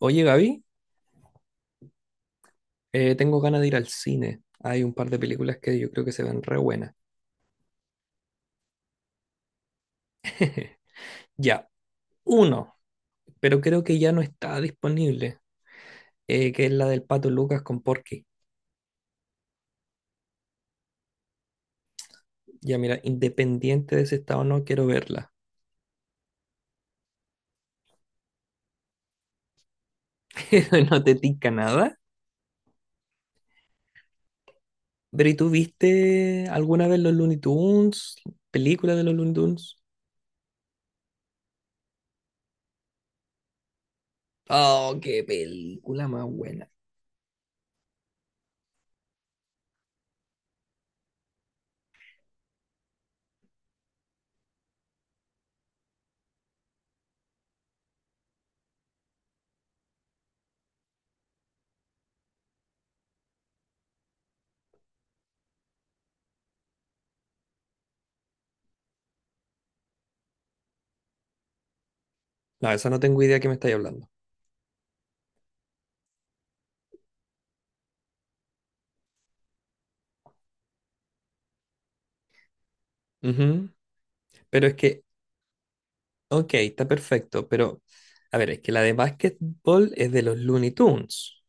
Oye, Gaby, tengo ganas de ir al cine. Hay un par de películas que yo creo que se ven re buenas. Ya, uno, pero creo que ya no está disponible, que es la del Pato Lucas con Porky. Ya mira, independiente de si está o no, quiero verla. No te tica nada. Pero ¿y tú viste alguna vez los Looney Tunes? ¿Película de los Looney Tunes? Oh, qué película más buena. No, esa no tengo idea de qué me estáis hablando. Ujú. Pero es que. Ok, está perfecto, pero a ver, es que la de básquetbol es de los Looney Tunes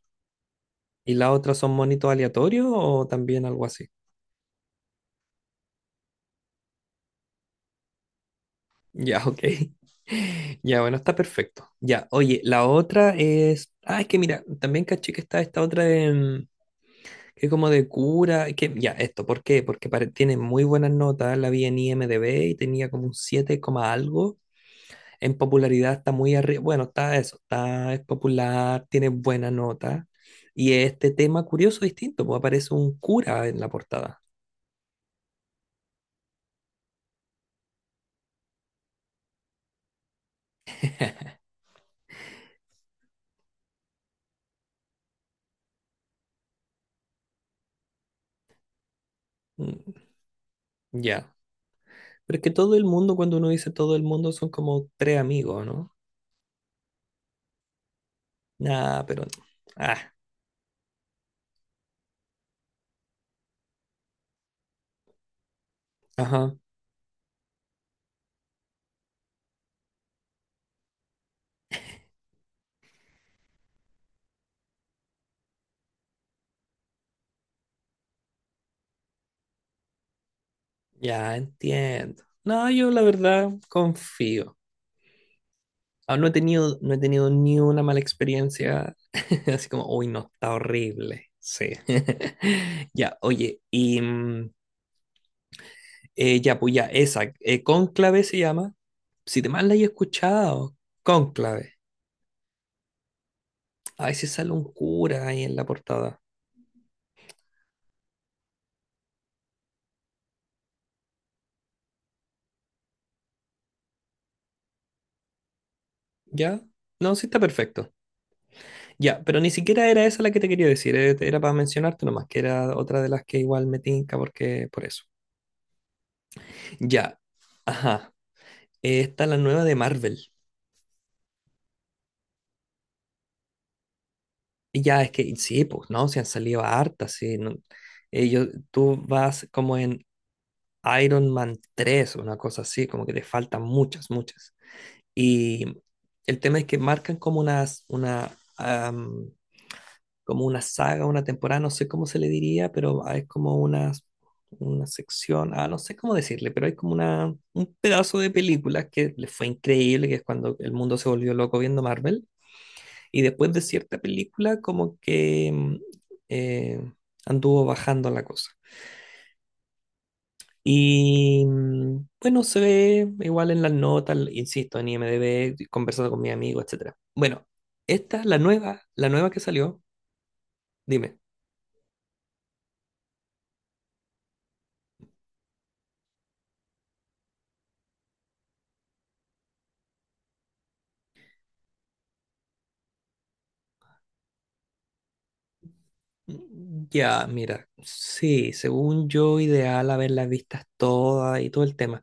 y la otra son monitos aleatorios o también algo así. Ya, ok. Ya, bueno, está perfecto. Ya, oye, la otra es. Ah, es que mira, también caché que está esta otra de, que es como de cura, que ya, esto, ¿por qué? Porque tiene muy buenas notas, la vi en IMDb y tenía como un 7 coma algo. En popularidad está muy arriba, bueno, está eso, está, es popular, tiene buena nota. Y este tema curioso, distinto, pues aparece un cura en la portada. Mm. Ya. Pero es que todo el mundo, cuando uno dice todo el mundo, son como tres amigos, ¿no? Nada, pero. Ah, ajá. Ya entiendo. No, yo la verdad confío. Ah, no he tenido ni una mala experiencia. Así como, uy, no, está horrible. Sí. Ya, oye, y. Ya, pues ya, esa. Cónclave se llama. Si te mal la he escuchado, Cónclave. A ver si sale un cura ahí en la portada. ¿Ya? No, sí está perfecto. Ya, pero ni siquiera era esa la que te quería decir. Era para mencionarte nomás, que era otra de las que igual me tinca porque por eso. Ya. Ajá. Está la nueva de Marvel. Y ya, es que sí, pues, ¿no? Se han salido hartas, sí. Ellos, tú vas como en Iron Man 3 o una cosa así, como que te faltan muchas, muchas. Y el tema es que marcan como unas, una, am, como una saga, una temporada, no sé cómo se le diría, pero es como unas, una sección, no sé cómo decirle, pero hay como una, un pedazo de películas que le fue increíble, que es cuando el mundo se volvió loco viendo Marvel. Y después de cierta película, como que eh, anduvo bajando la cosa. Y bueno, se ve igual en las notas, insisto, en IMDb, conversando con mi amigo, etcétera. Bueno, esta, la nueva que salió, dime. Ya, mira, sí, según yo, ideal haberlas vistas todas y todo el tema.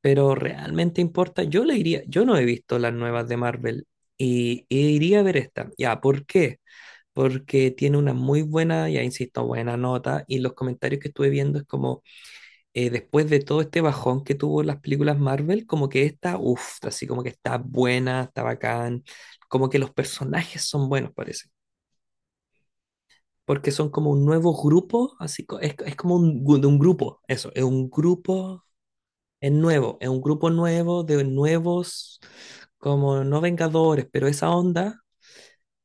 Pero realmente importa, yo le iría, yo no he visto las nuevas de Marvel y iría a ver esta. Ya, ¿por qué? Porque tiene una muy buena, ya insisto, buena nota y los comentarios que estuve viendo es como después de todo este bajón que tuvo las películas Marvel, como que esta, uff, así como que está buena, está bacán, como que los personajes son buenos, parece, porque son como un nuevo grupo, así es como de un grupo, eso, es un grupo, es nuevo, es un grupo nuevo de nuevos, como no Vengadores, pero esa onda.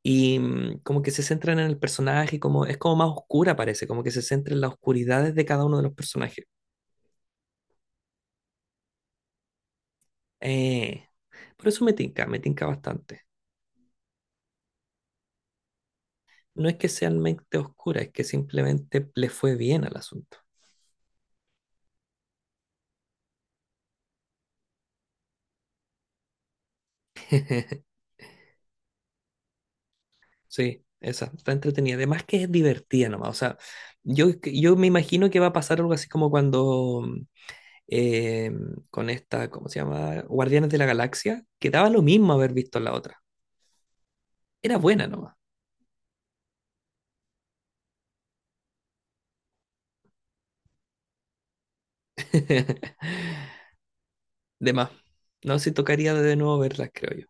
Y como que se centran en el personaje, como es como más oscura parece, como que se centra en las oscuridades de cada uno de los personajes. Eh, por eso me tinca bastante. No es que sean mente oscura, es que simplemente le fue bien al asunto. Sí, esa, está entretenida. Además que es divertida nomás. O sea, yo me imagino que va a pasar algo así como cuando eh, con esta, ¿cómo se llama? Guardianes de la Galaxia, que daba lo mismo haber visto la otra. Era buena nomás. De más. No sé si tocaría de nuevo verlas, creo yo.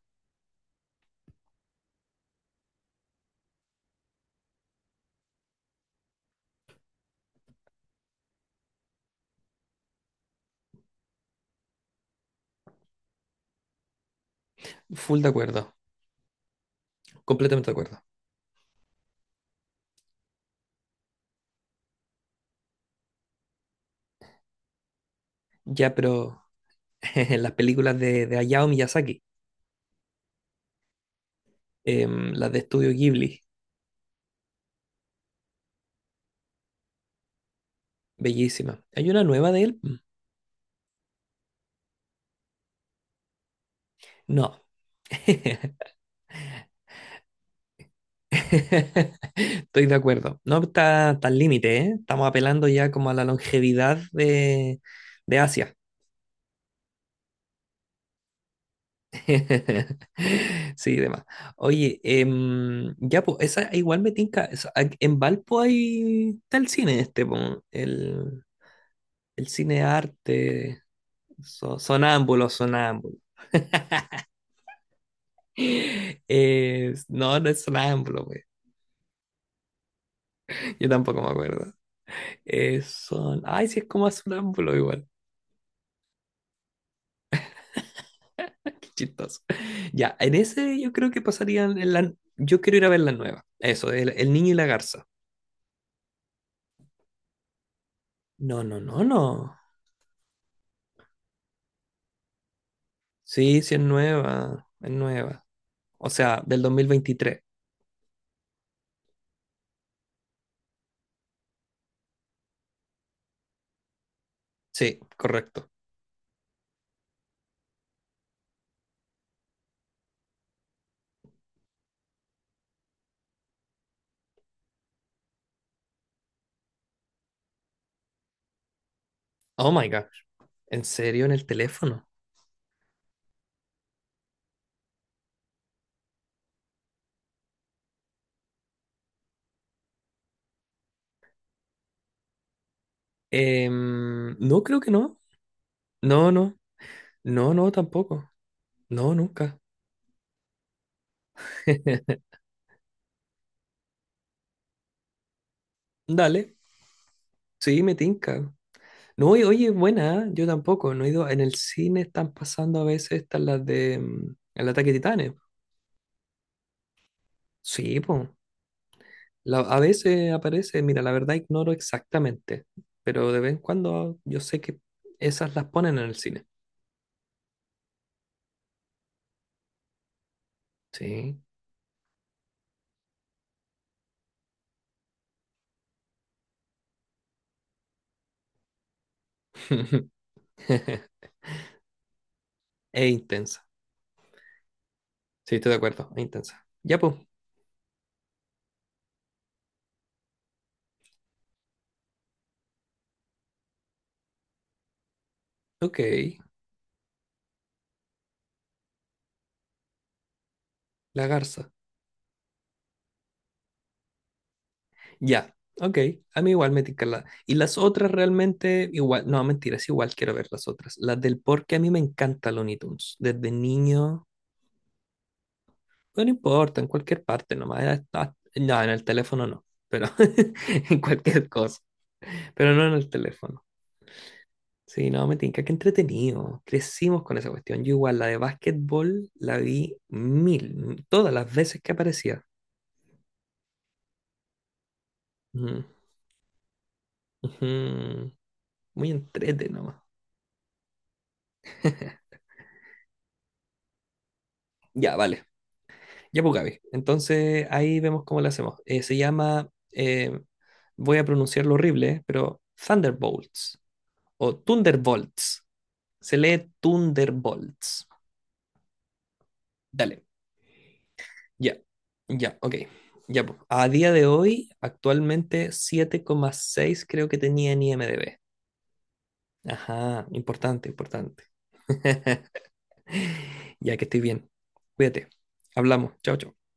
Full de acuerdo. Completamente de acuerdo. Ya, pero las películas de Hayao Miyazaki, las de Estudio Ghibli. Bellísima. ¿Hay una nueva de él? Mm. No. Estoy de acuerdo. No está, está al límite, ¿eh? Estamos apelando ya como a la longevidad de Asia. Sí, demás. Oye, ya, pues, esa igual me tinca. En Valpo hay, está el cine este, po, el, el cine arte, sonámbulo, sonámbulo. No, no es sonámbulo, pues. Yo tampoco me acuerdo. Son. Ay, sí, es como sonámbulo igual. Qué chistoso. Ya, en ese yo creo que pasarían. En la. Yo quiero ir a ver la nueva. Eso, el niño y la garza. No, no, no, no. Sí, sí, es nueva. Es nueva. O sea, del 2023. Sí, correcto. Oh my gosh. ¿En serio en el teléfono? No, creo que no. No, no. No, no, tampoco. No, nunca. Dale. Sí, me tinca. No, oye, oye, buena, ¿eh? Yo tampoco, no he ido. En el cine están pasando a veces estas las de El ataque de Titanes. Sí, pues. A veces aparece, mira, la verdad ignoro exactamente, pero de vez en cuando yo sé que esas las ponen en el cine. Sí. Es intensa. Sí, estoy de acuerdo, es intensa. Ya, pues. Ok, la garza. Ya, ok. A mí igual me tinca la. Y las otras realmente, igual, no, mentiras, igual quiero ver las otras. Las del porque a mí me encanta Looney Tunes. Desde niño, no importa, en cualquier parte nomás. Ah, no, en el teléfono no, pero en cualquier cosa. Pero no en el teléfono. Sí, no, me tinca, qué entretenido. Crecimos con esa cuestión. Yo igual, la de básquetbol la vi mil, todas las veces que aparecía. Ujú, ujú. Muy entrete nomás. Ya, vale. Ya, pues, Gaby. Entonces ahí vemos cómo lo hacemos. Se llama, voy a pronunciarlo horrible, pero Thunderbolts o Thunderbolts. Se lee Thunderbolts. Dale, ya, ya, ok. Ya, pues. A día de hoy, actualmente 7,6 creo que tenía en IMDb. Ajá, importante, importante. Ya que estoy bien. Cuídate. Hablamos. Chao, chao.